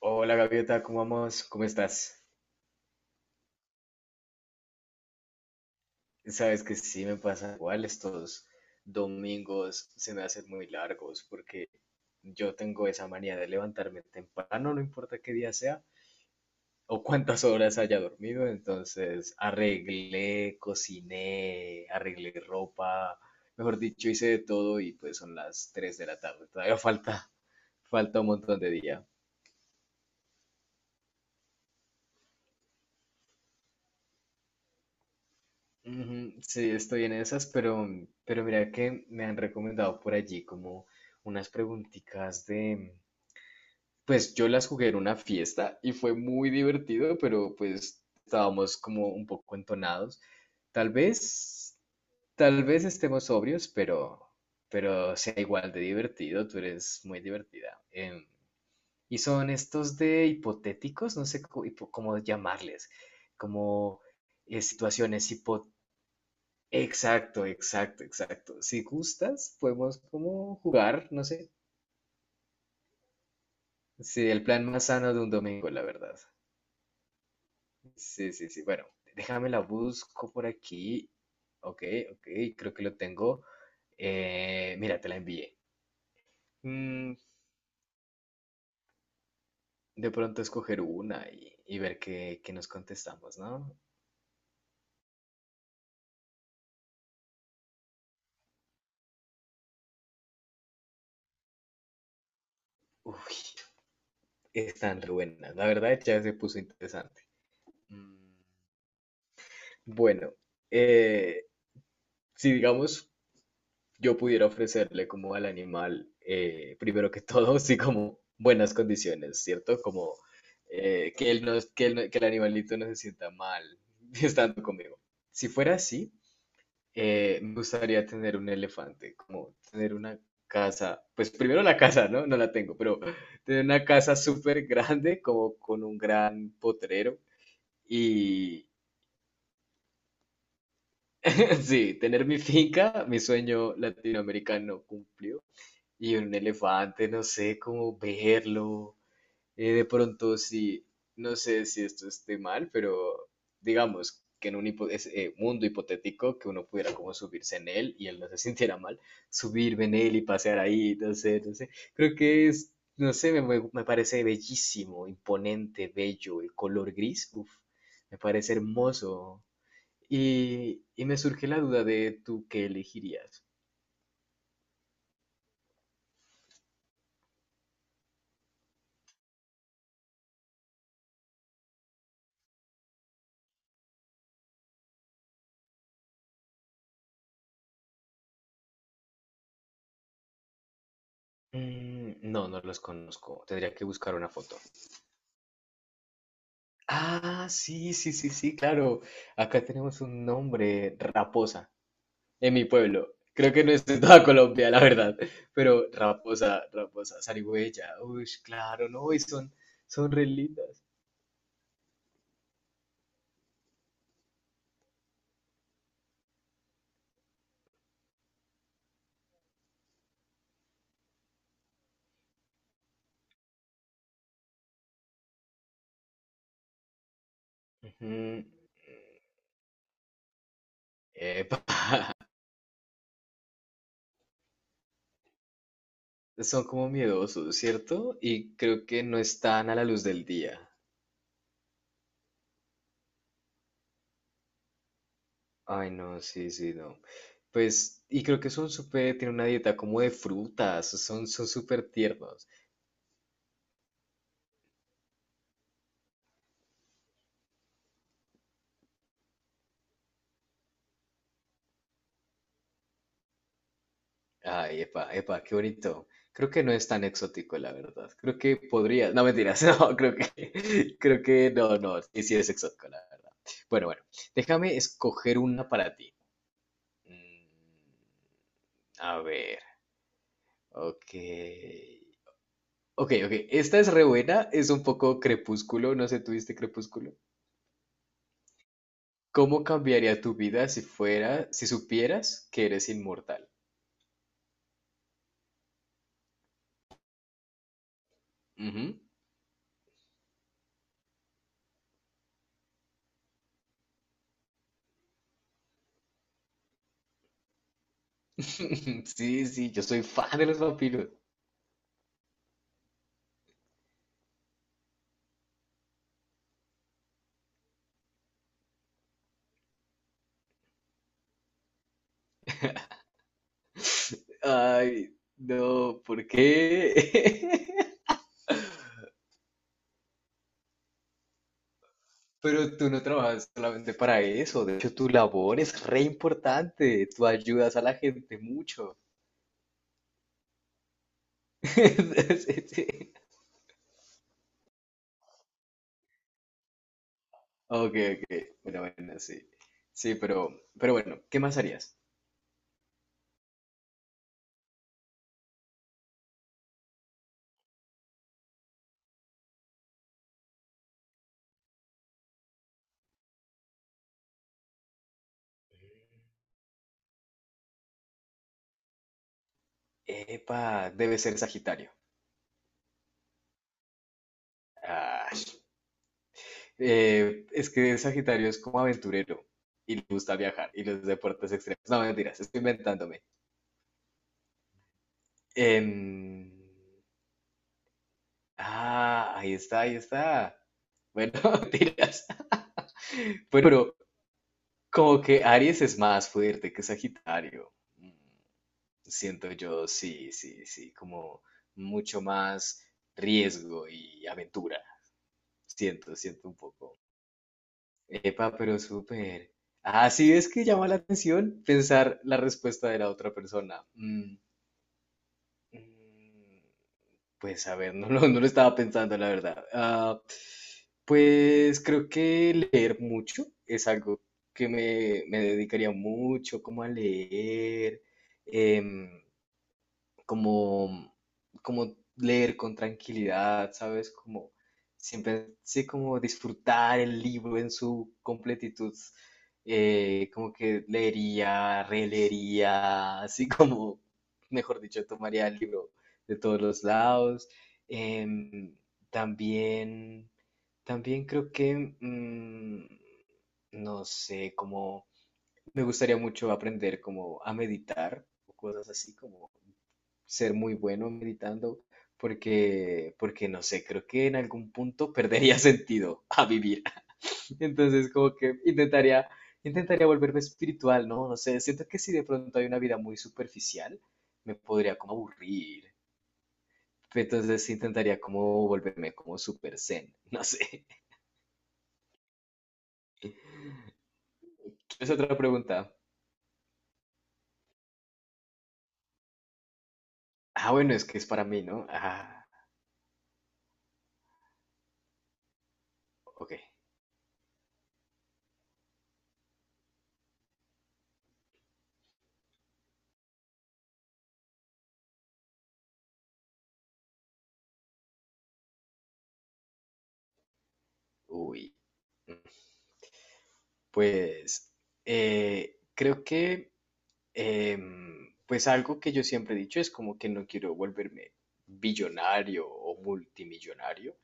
Hola Gaviota, ¿cómo vamos? ¿Cómo estás? Sabes que sí, me pasa igual, estos domingos se me hacen muy largos porque yo tengo esa manía de levantarme temprano, no importa qué día sea o cuántas horas haya dormido. Entonces arreglé, cociné, arreglé ropa, mejor dicho, hice de todo y pues son las 3 de la tarde, todavía falta un montón de día. Ujú. Sí, estoy en esas, pero mira que me han recomendado por allí como unas preguntitas de, pues yo las jugué en una fiesta y fue muy divertido, pero pues estábamos como un poco entonados. Tal vez, tal vez estemos sobrios, pero sea igual de divertido, tú eres muy divertida. Y son estos de hipotéticos, no sé cómo, cómo llamarles, como situaciones hipotéticas. Exacto, exacto, exacto. Si gustas, podemos como jugar, no sé. Sí, el plan más sano de un domingo, la verdad. Sí, sí, sí. Bueno, déjame la busco por aquí. Ok, ok, creo que lo tengo. Mira, te la envié. Mm, de pronto escoger una y, ver qué nos contestamos, ¿no? Uy, están re buenas. La verdad ya se puso interesante. Mm, Bueno, eh, si digamos yo pudiera ofrecerle como al animal, primero que todo, sí, como buenas condiciones, ¿cierto? Como que él no, que él no, que el animalito no se sienta mal estando conmigo. Si fuera así, me gustaría tener un elefante, como tener una casa, pues primero la casa, ¿no? No la tengo, pero tener una casa súper grande, como con un gran potrero y... Sí, tener mi finca, mi sueño latinoamericano cumplido. Y un elefante, no sé, cómo verlo. De pronto, sí, no sé si esto esté mal, pero digamos que en un mundo hipotético que uno pudiera como subirse en él y él no se sintiera mal, subirme en él y pasear ahí, no sé, no sé. Creo que es, no sé, me parece bellísimo, imponente, bello, el color gris, uff, me parece hermoso. Y me surge la duda de tú qué elegirías. No, no los conozco. Tendría que buscar una foto. Ah, sí, sí, sí, sí, claro. Acá tenemos un nombre, Raposa, en mi pueblo. Creo que no es en toda Colombia, la verdad. Pero Raposa, zarigüeya. Uy, claro, no, y son, son re lindas. Ujú. Epa, son como miedosos, ¿cierto? Y creo que no están a la luz del día. Ay, no, sí, sí, no. Pues, y creo que son súper, tienen una dieta como de frutas, son súper tiernos. Ay, epa, epa, qué bonito. Creo que no es tan exótico, la verdad. Creo que podría, no mentiras, no, creo que no, no, sí, sí es exótico, la verdad. Bueno, bueno, déjame escoger una para ti. Mm, A ver, ok. Ok, ok, esta es re buena, es un poco crepúsculo, no sé, ¿tuviste crepúsculo? ¿Cómo cambiaría tu vida si fuera, si supieras que eres inmortal? Ujú. Sí, sí, yo soy fan de los vampiros. Ay, no, ¿por qué? Pero tú no trabajas solamente para eso. De hecho, tu labor es re importante. Tú ayudas a la gente mucho. Sí, sí. Ok, ok. Bueno, bueno, sí. Sí, pero bueno, ¿qué más harías? Epa, debe ser Sagitario. Ah, es que Sagitario es como aventurero y le gusta viajar y los deportes extremos. No, mentiras, estoy inventándome. Em, ah, ahí está, ahí está. Bueno, mentiras. Pero como que Aries es más fuerte que Sagitario. Siento yo, sí, sí, sí, como mucho más riesgo y aventura. Siento, siento un poco. Epa, pero súper. Ah, sí, es que llama la atención pensar la respuesta de la otra persona. Mm, mm. Pues a ver, no lo estaba pensando, la verdad. Ah, pues creo que leer mucho es algo me dedicaría mucho como a leer. em, Como, como leer con tranquilidad, ¿sabes? Como siempre, sí, como disfrutar el libro en su completitud, como que leería, releería, así como, mejor dicho, tomaría el libro de todos los lados. Em, también, también creo que, mm, no sé, como me gustaría mucho aprender como a meditar o cosas así como ser muy bueno meditando, porque no sé, creo que en algún punto perdería sentido a vivir. Entonces, como que intentaría volverme espiritual, ¿no? No sé, siento que si de pronto hay una vida muy superficial, me podría como aburrir. Entonces intentaría como volverme como super zen, no sé. Es otra pregunta. Ah, bueno, es que es para mí, ¿no? Ah, ok. Uy. mm, Pues creo que pues algo que yo siempre he dicho es como que no quiero volverme billonario o multimillonario,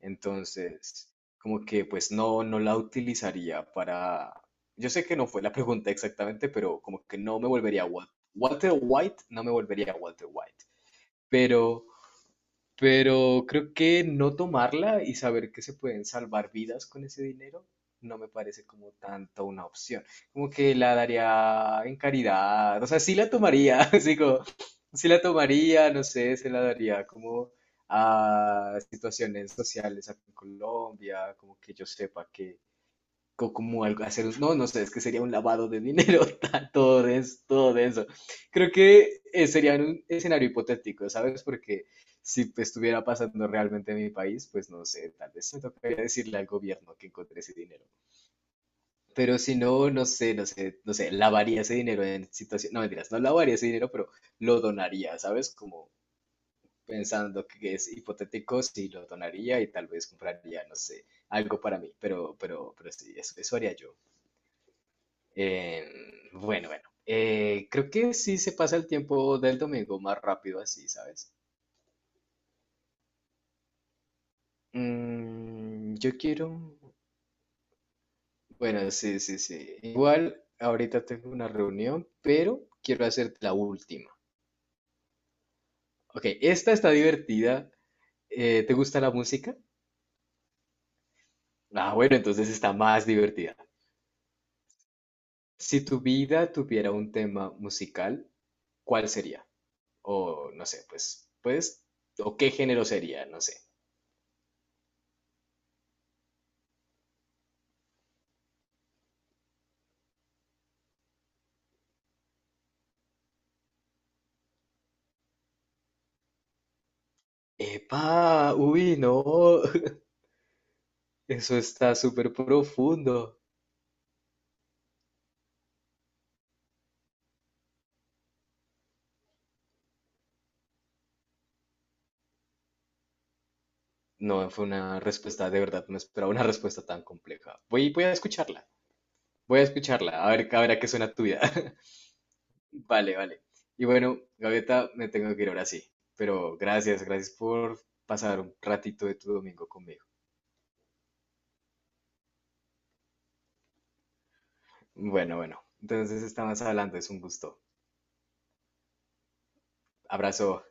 entonces como que pues no, no la utilizaría para, yo sé que no fue la pregunta exactamente, pero como que no me volvería Walter White, no me volvería Walter White, pero pero creo que no tomarla y saber que se pueden salvar vidas con ese dinero no me parece como tanto una opción. Como que la daría en caridad, o sea, sí la tomaría, sí la tomaría, no sé, se la daría como a situaciones sociales aquí en Colombia, como que yo sepa que como algo, hacer, no, no sé, es que sería un lavado de dinero, todo denso, todo denso. Creo que sería un escenario hipotético, ¿sabes? Porque si pues, estuviera pasando realmente en mi país, pues no sé, tal vez me tocaría decirle al gobierno que encontré ese dinero. Pero si no, no sé, no sé, no sé, lavaría ese dinero en situación, no mentiras, no lavaría ese dinero, pero lo donaría, ¿sabes? Como pensando que es hipotético, sí lo donaría y tal vez compraría, no sé, algo para mí, pero sí, eso haría yo. Eh, bueno, bueno. Creo que sí se pasa el tiempo del domingo más rápido así, ¿sabes? Mm, yo quiero... Bueno, sí, sí, sí. Igual ahorita tengo una reunión, pero quiero hacerte la última. Ok, esta está divertida. ¿Te gusta la música? Ah, bueno, entonces está más divertida. Si tu vida tuviera un tema musical, ¿cuál sería? O no sé, pues, o qué género sería, no sé. Epa, uy, no, eso está súper profundo. No, fue una respuesta, de verdad, no esperaba una respuesta tan compleja. Voy a escucharla, voy a escucharla, a ver, a ver a qué suena tuya. Vale, vale. Y bueno, Gaviota, me tengo que ir ahora sí, pero gracias por pasar un ratito de tu domingo conmigo. Bueno, bueno, entonces estamos hablando, es un gusto. Abrazo.